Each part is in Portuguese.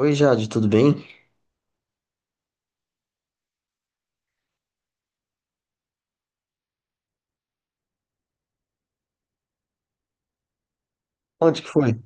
Oi, Jade, tudo bem? Onde que foi?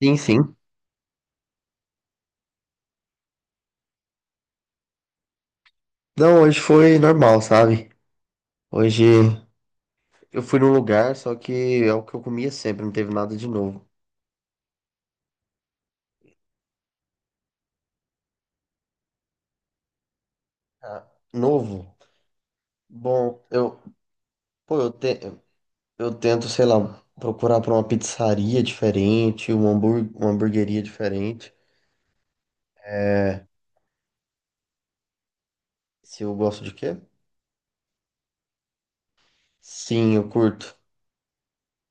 Sim, sim. Não, hoje foi normal, sabe? Hoje eu fui num lugar, só que é o que eu comia sempre, não teve nada de novo. Ah, novo? Bom, pô, eu tento, sei lá, procurar pra uma pizzaria diferente, uma hamburgueria diferente. É, Se eu gosto de quê? Sim, eu curto.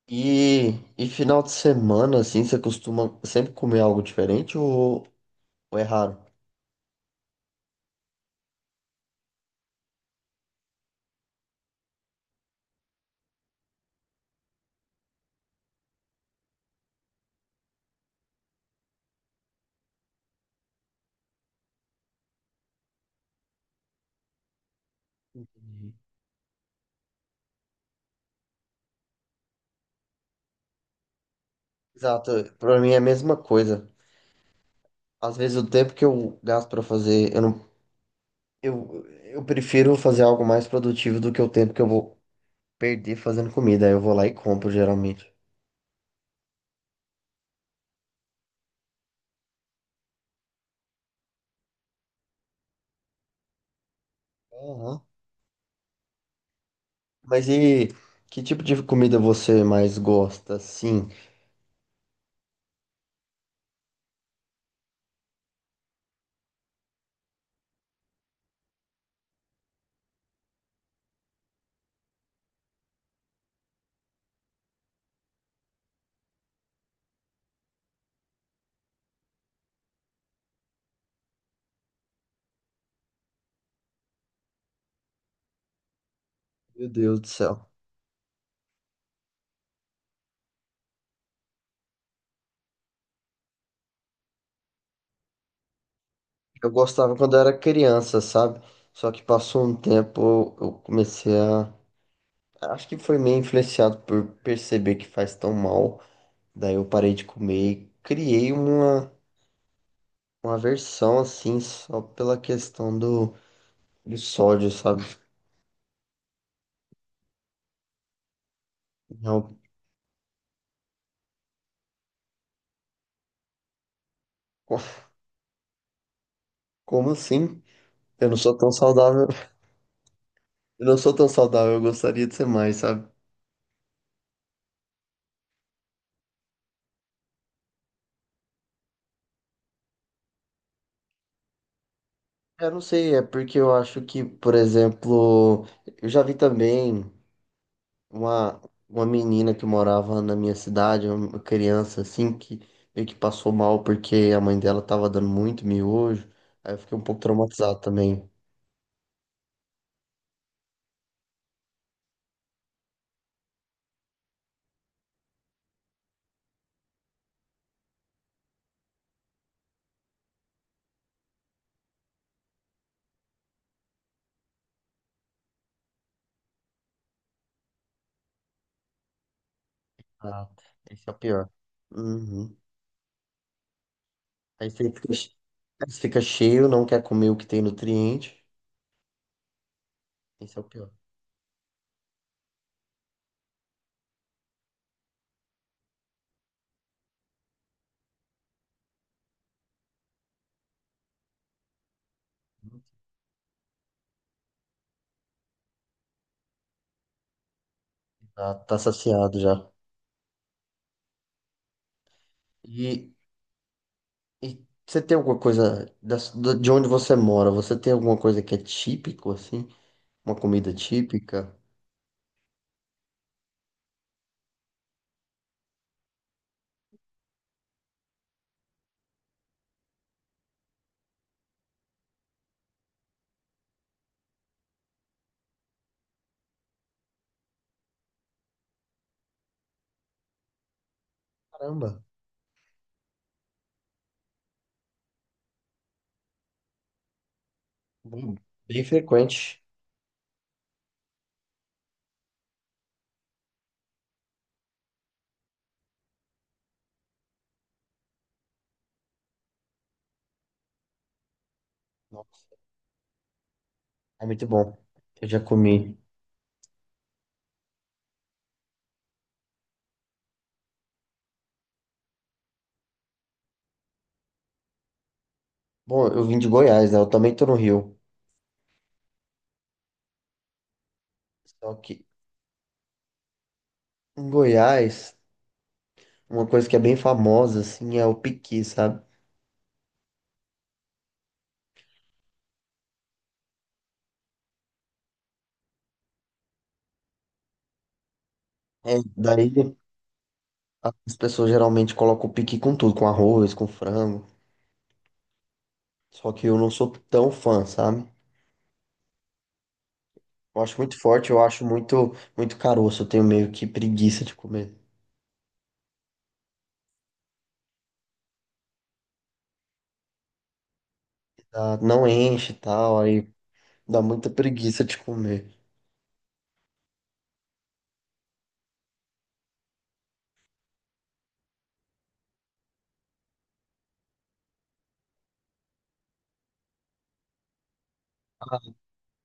E, e final de semana, assim, você costuma sempre comer algo diferente, ou é raro? Exato, pra mim é a mesma coisa. Às vezes o tempo que eu gasto pra fazer, eu não, eu prefiro fazer algo mais produtivo do que o tempo que eu vou perder fazendo comida. Aí eu vou lá e compro geralmente. Aham. Mas e que tipo de comida você mais gosta, assim? Meu Deus do céu. Eu gostava quando eu era criança, sabe? Só que passou um tempo, eu comecei a. Acho que foi meio influenciado por perceber que faz tão mal. Daí eu parei de comer e criei uma aversão assim, só pela questão do sódio, sabe? Eu- co- Como assim? Eu não sou tão saudável. Eu não sou tão saudável, eu gostaria de ser mais, sabe? Eu não sei, é porque eu acho que, por exemplo, eu já vi também uma, uma menina que morava na minha cidade, uma criança assim, que meio que passou mal porque a mãe dela tava dando muito miojo. Aí eu fiquei um pouco traumatizado também. Ah, esse é o pior. Uhum. Aí você fica, aí você fica cheio, não quer comer o que tem nutriente. Esse é o pior. Tá saciado já. E, e você tem alguma coisa de onde você mora? Você tem alguma coisa que é típico, assim? Uma comida típica? Caramba, bom, bem frequente. Nossa, é muito bom. Eu já comi. Bom, eu vim de Goiás, né? Eu também tô no Rio. Só que em Goiás, uma coisa que é bem famosa, assim, é o piqui, sabe? É, daí as pessoas geralmente colocam piqui com tudo, com arroz, com frango. Só que eu não sou tão fã, sabe? Eu acho muito forte, eu acho muito, muito caroço. Eu tenho meio que preguiça de comer. Não enche e tal, aí dá muita preguiça de comer. Ah,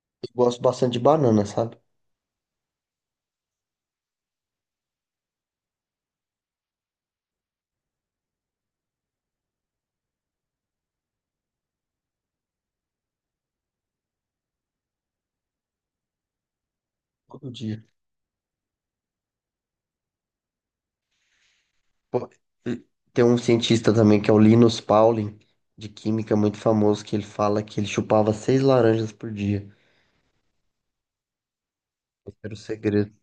eu gosto bastante de banana, sabe? Todo dia. Pô, e tem um cientista também que é o Linus Pauling, de química muito famoso, que ele fala que ele chupava seis laranjas por dia. Esse era o segredo.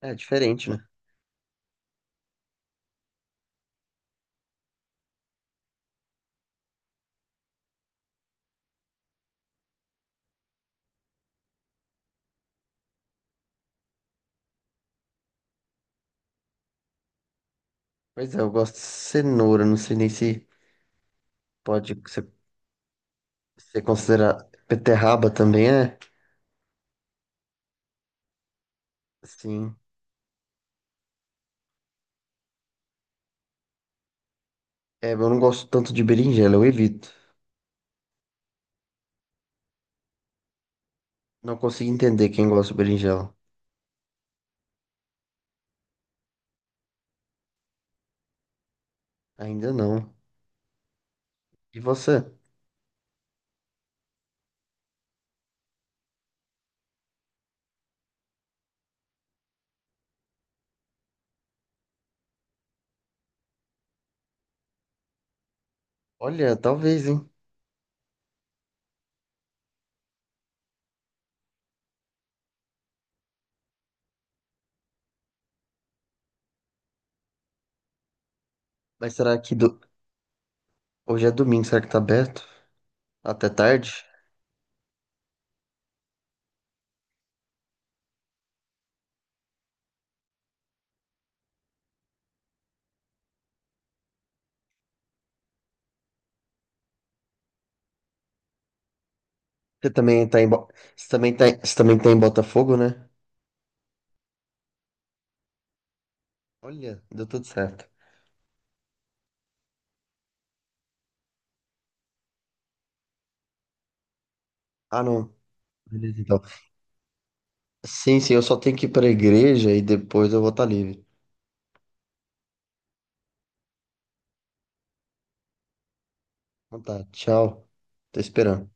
É diferente, né? Pois é, eu gosto de cenoura, não sei nem se pode ser considerado. Beterraba também é? Sim. É, eu não gosto tanto de berinjela, eu evito. Não consigo entender quem gosta de berinjela. Ainda não. E você? Olha, talvez, hein? Mas será que hoje é domingo? Será que tá aberto? Até tarde? Você também tá em, Bo... Você também tá... em- Você também tá em Botafogo, né? Olha, deu tudo certo. Ah, não. Beleza, então. Sim, sim, eu só tenho que ir pra igreja e depois eu vou estar livre. Então tá, tchau. Tô esperando.